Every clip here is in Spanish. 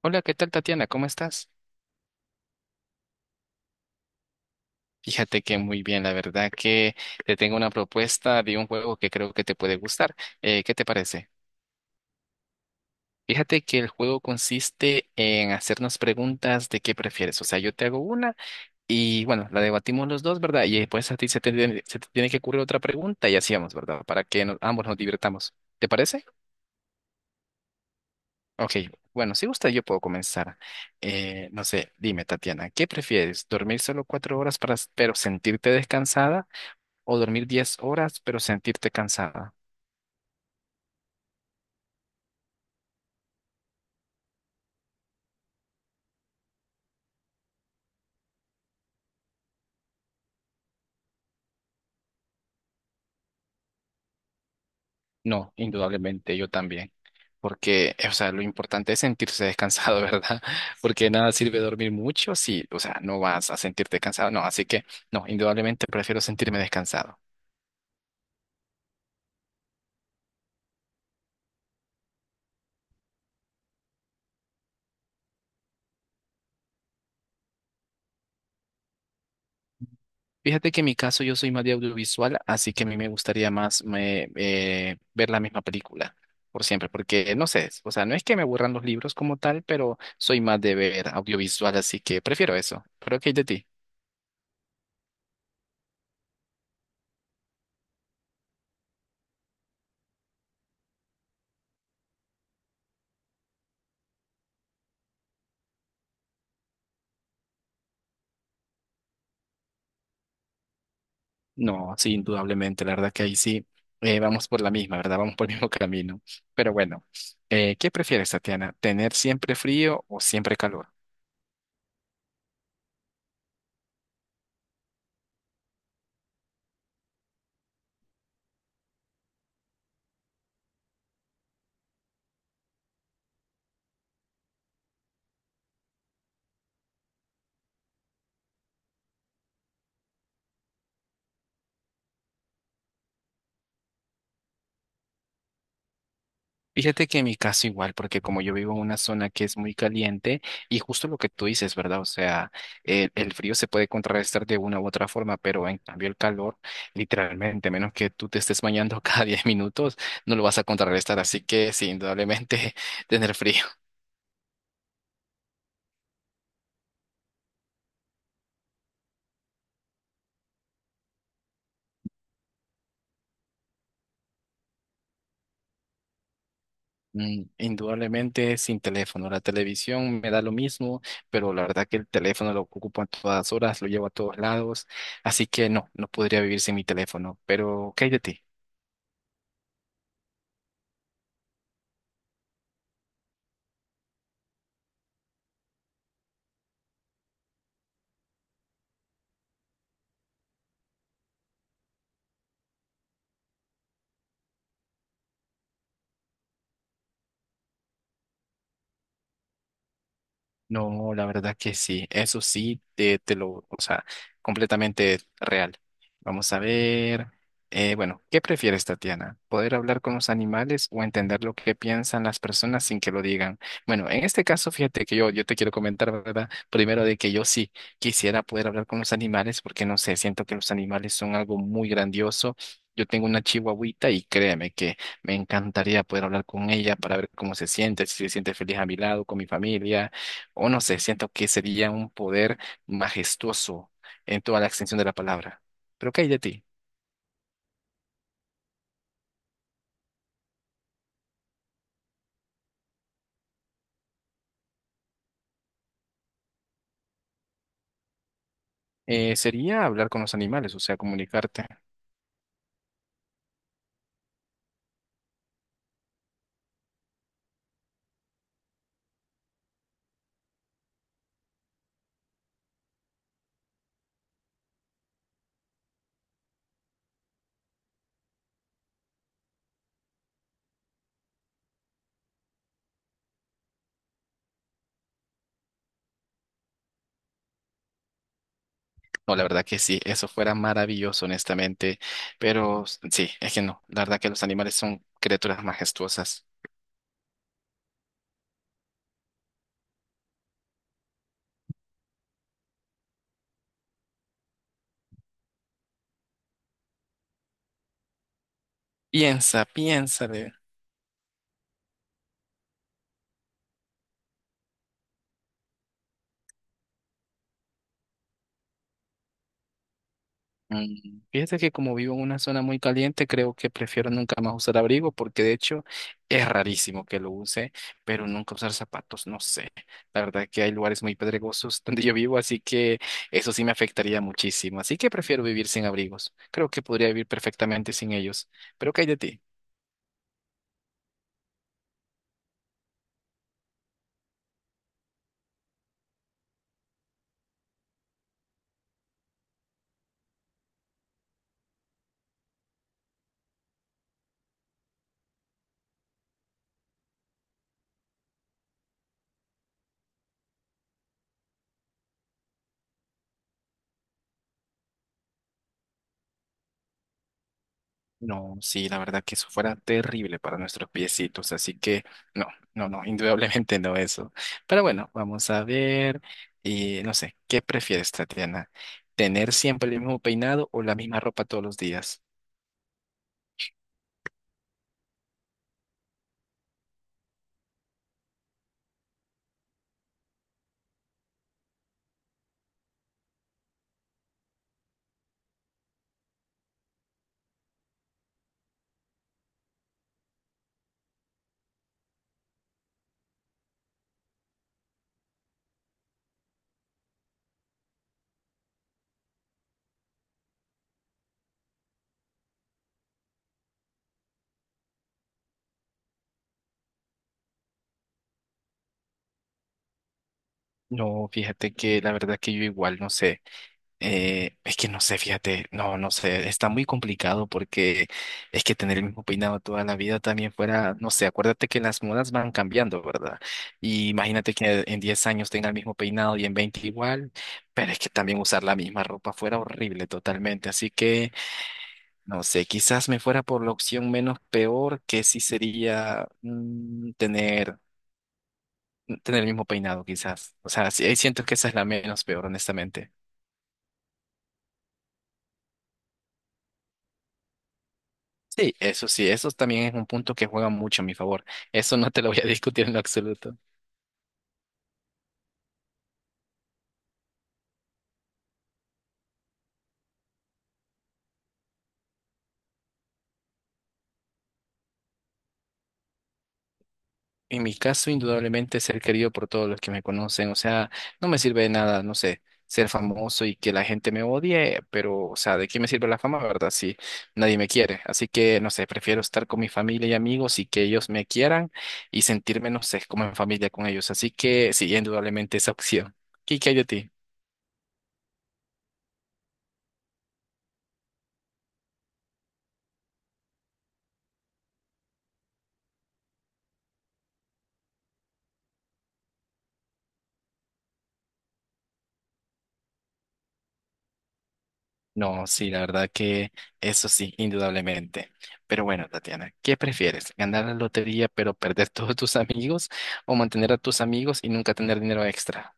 Hola, ¿qué tal, Tatiana? ¿Cómo estás? Fíjate que muy bien, la verdad que te tengo una propuesta de un juego que creo que te puede gustar. ¿Qué te parece? Fíjate que el juego consiste en hacernos preguntas de qué prefieres. O sea, yo te hago una y bueno, la debatimos los dos, ¿verdad? Y después a ti se te tiene que ocurrir otra pregunta y así vamos, ¿verdad? Ambos nos divirtamos. ¿Te parece? Ok, bueno, si gusta yo puedo comenzar. No sé, dime, Tatiana, ¿qué prefieres? ¿Dormir solo 4 horas pero sentirte descansada? ¿O dormir 10 horas, pero sentirte cansada? No, indudablemente yo también. Porque, o sea, lo importante es sentirse descansado, ¿verdad? Porque nada sirve dormir mucho si, o sea, no vas a sentirte cansado. No, así que no, indudablemente prefiero sentirme descansado. Fíjate que en mi caso yo soy más de audiovisual, así que a mí me gustaría más ver la misma película por siempre, porque no sé, o sea, no es que me aburran los libros como tal, pero soy más de ver audiovisual, así que prefiero eso. ¿Pero qué hay de ti? No, sí, indudablemente, la verdad que ahí sí vamos por la misma, ¿verdad? Vamos por el mismo camino. Pero bueno, ¿qué prefieres, Tatiana? ¿Tener siempre frío o siempre calor? Fíjate que en mi caso igual, porque como yo vivo en una zona que es muy caliente y justo lo que tú dices, ¿verdad? O sea, el frío se puede contrarrestar de una u otra forma, pero en cambio el calor, literalmente, a menos que tú te estés bañando cada 10 minutos, no lo vas a contrarrestar. Así que sí, indudablemente tener frío. Mm, indudablemente sin teléfono. La televisión me da lo mismo, pero la verdad que el teléfono lo ocupo a todas horas, lo llevo a todos lados. Así que no, no podría vivir sin mi teléfono. Pero, ¿qué hay de ti? No, la verdad que sí, eso sí, o sea, completamente real. Vamos a ver, bueno, ¿qué prefieres, Tatiana? ¿Poder hablar con los animales o entender lo que piensan las personas sin que lo digan? Bueno, en este caso, fíjate que yo te quiero comentar, ¿verdad? Primero de que yo sí quisiera poder hablar con los animales porque, no sé, siento que los animales son algo muy grandioso. Yo tengo una chihuahuita y créeme que me encantaría poder hablar con ella para ver cómo se siente, si se siente feliz a mi lado, con mi familia o no sé, siento que sería un poder majestuoso en toda la extensión de la palabra. Pero ¿qué hay de ti? Sería hablar con los animales, o sea, comunicarte. No, la verdad que sí, eso fuera maravilloso, honestamente. Pero sí, es que no, la verdad que los animales son criaturas majestuosas. Piensa, piensa. Mm, fíjate que como vivo en una zona muy caliente, creo que prefiero nunca más usar abrigo porque de hecho es rarísimo que lo use, pero nunca usar zapatos, no sé. La verdad que hay lugares muy pedregosos donde yo vivo, así que eso sí me afectaría muchísimo. Así que prefiero vivir sin abrigos. Creo que podría vivir perfectamente sin ellos. Pero ¿qué hay de ti? No, sí, la verdad que eso fuera terrible para nuestros piecitos, así que no, no, no, indudablemente no eso. Pero bueno, vamos a ver, y no sé, ¿qué prefieres, Tatiana? ¿Tener siempre el mismo peinado o la misma ropa todos los días? No, fíjate que la verdad que yo igual, no sé. Es que no sé, fíjate, no, no sé, está muy complicado porque es que tener el mismo peinado toda la vida también fuera, no sé, acuérdate que las modas van cambiando, ¿verdad? Y imagínate que en 10 años tenga el mismo peinado y en 20 igual, pero es que también usar la misma ropa fuera horrible totalmente, así que no sé, quizás me fuera por la opción menos peor que sí sería mm, tener el mismo peinado, quizás. O sea, sí, siento que esa es la menos peor, honestamente. Sí, eso también es un punto que juega mucho a mi favor. Eso no te lo voy a discutir en lo absoluto. En mi caso, indudablemente, ser querido por todos los que me conocen, o sea, no me sirve de nada, no sé, ser famoso y que la gente me odie, pero, o sea, ¿de qué me sirve la fama, verdad? Si nadie me quiere. Así que, no sé, prefiero estar con mi familia y amigos y que ellos me quieran y sentirme, no sé, como en familia con ellos. Así que, sí, indudablemente esa opción. ¿Y qué hay de ti? No, sí, la verdad que eso sí, indudablemente. Pero bueno, Tatiana, ¿qué prefieres? ¿Ganar la lotería pero perder todos tus amigos o mantener a tus amigos y nunca tener dinero extra?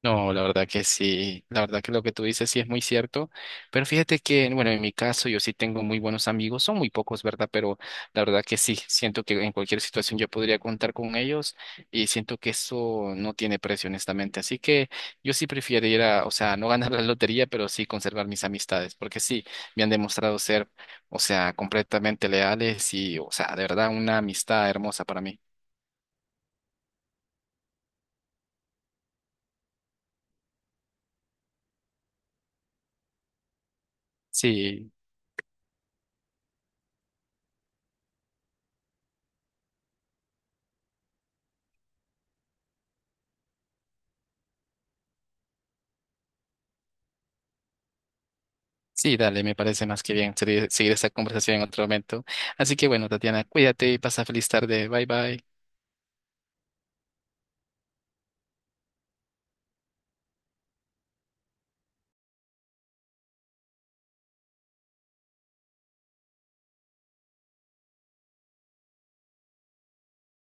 No, la verdad que sí, la verdad que lo que tú dices sí es muy cierto, pero fíjate que, bueno, en mi caso yo sí tengo muy buenos amigos, son muy pocos, ¿verdad? Pero la verdad que sí, siento que en cualquier situación yo podría contar con ellos y siento que eso no tiene precio, honestamente. Así que yo sí prefiero ir a, o sea, no ganar la lotería, pero sí conservar mis amistades, porque sí, me han demostrado ser, o sea, completamente leales y, o sea, de verdad una amistad hermosa para mí. Sí. Sí, dale, me parece más que bien seguir, seguir esta conversación en otro momento. Así que bueno, Tatiana, cuídate y pasa feliz tarde. Bye bye.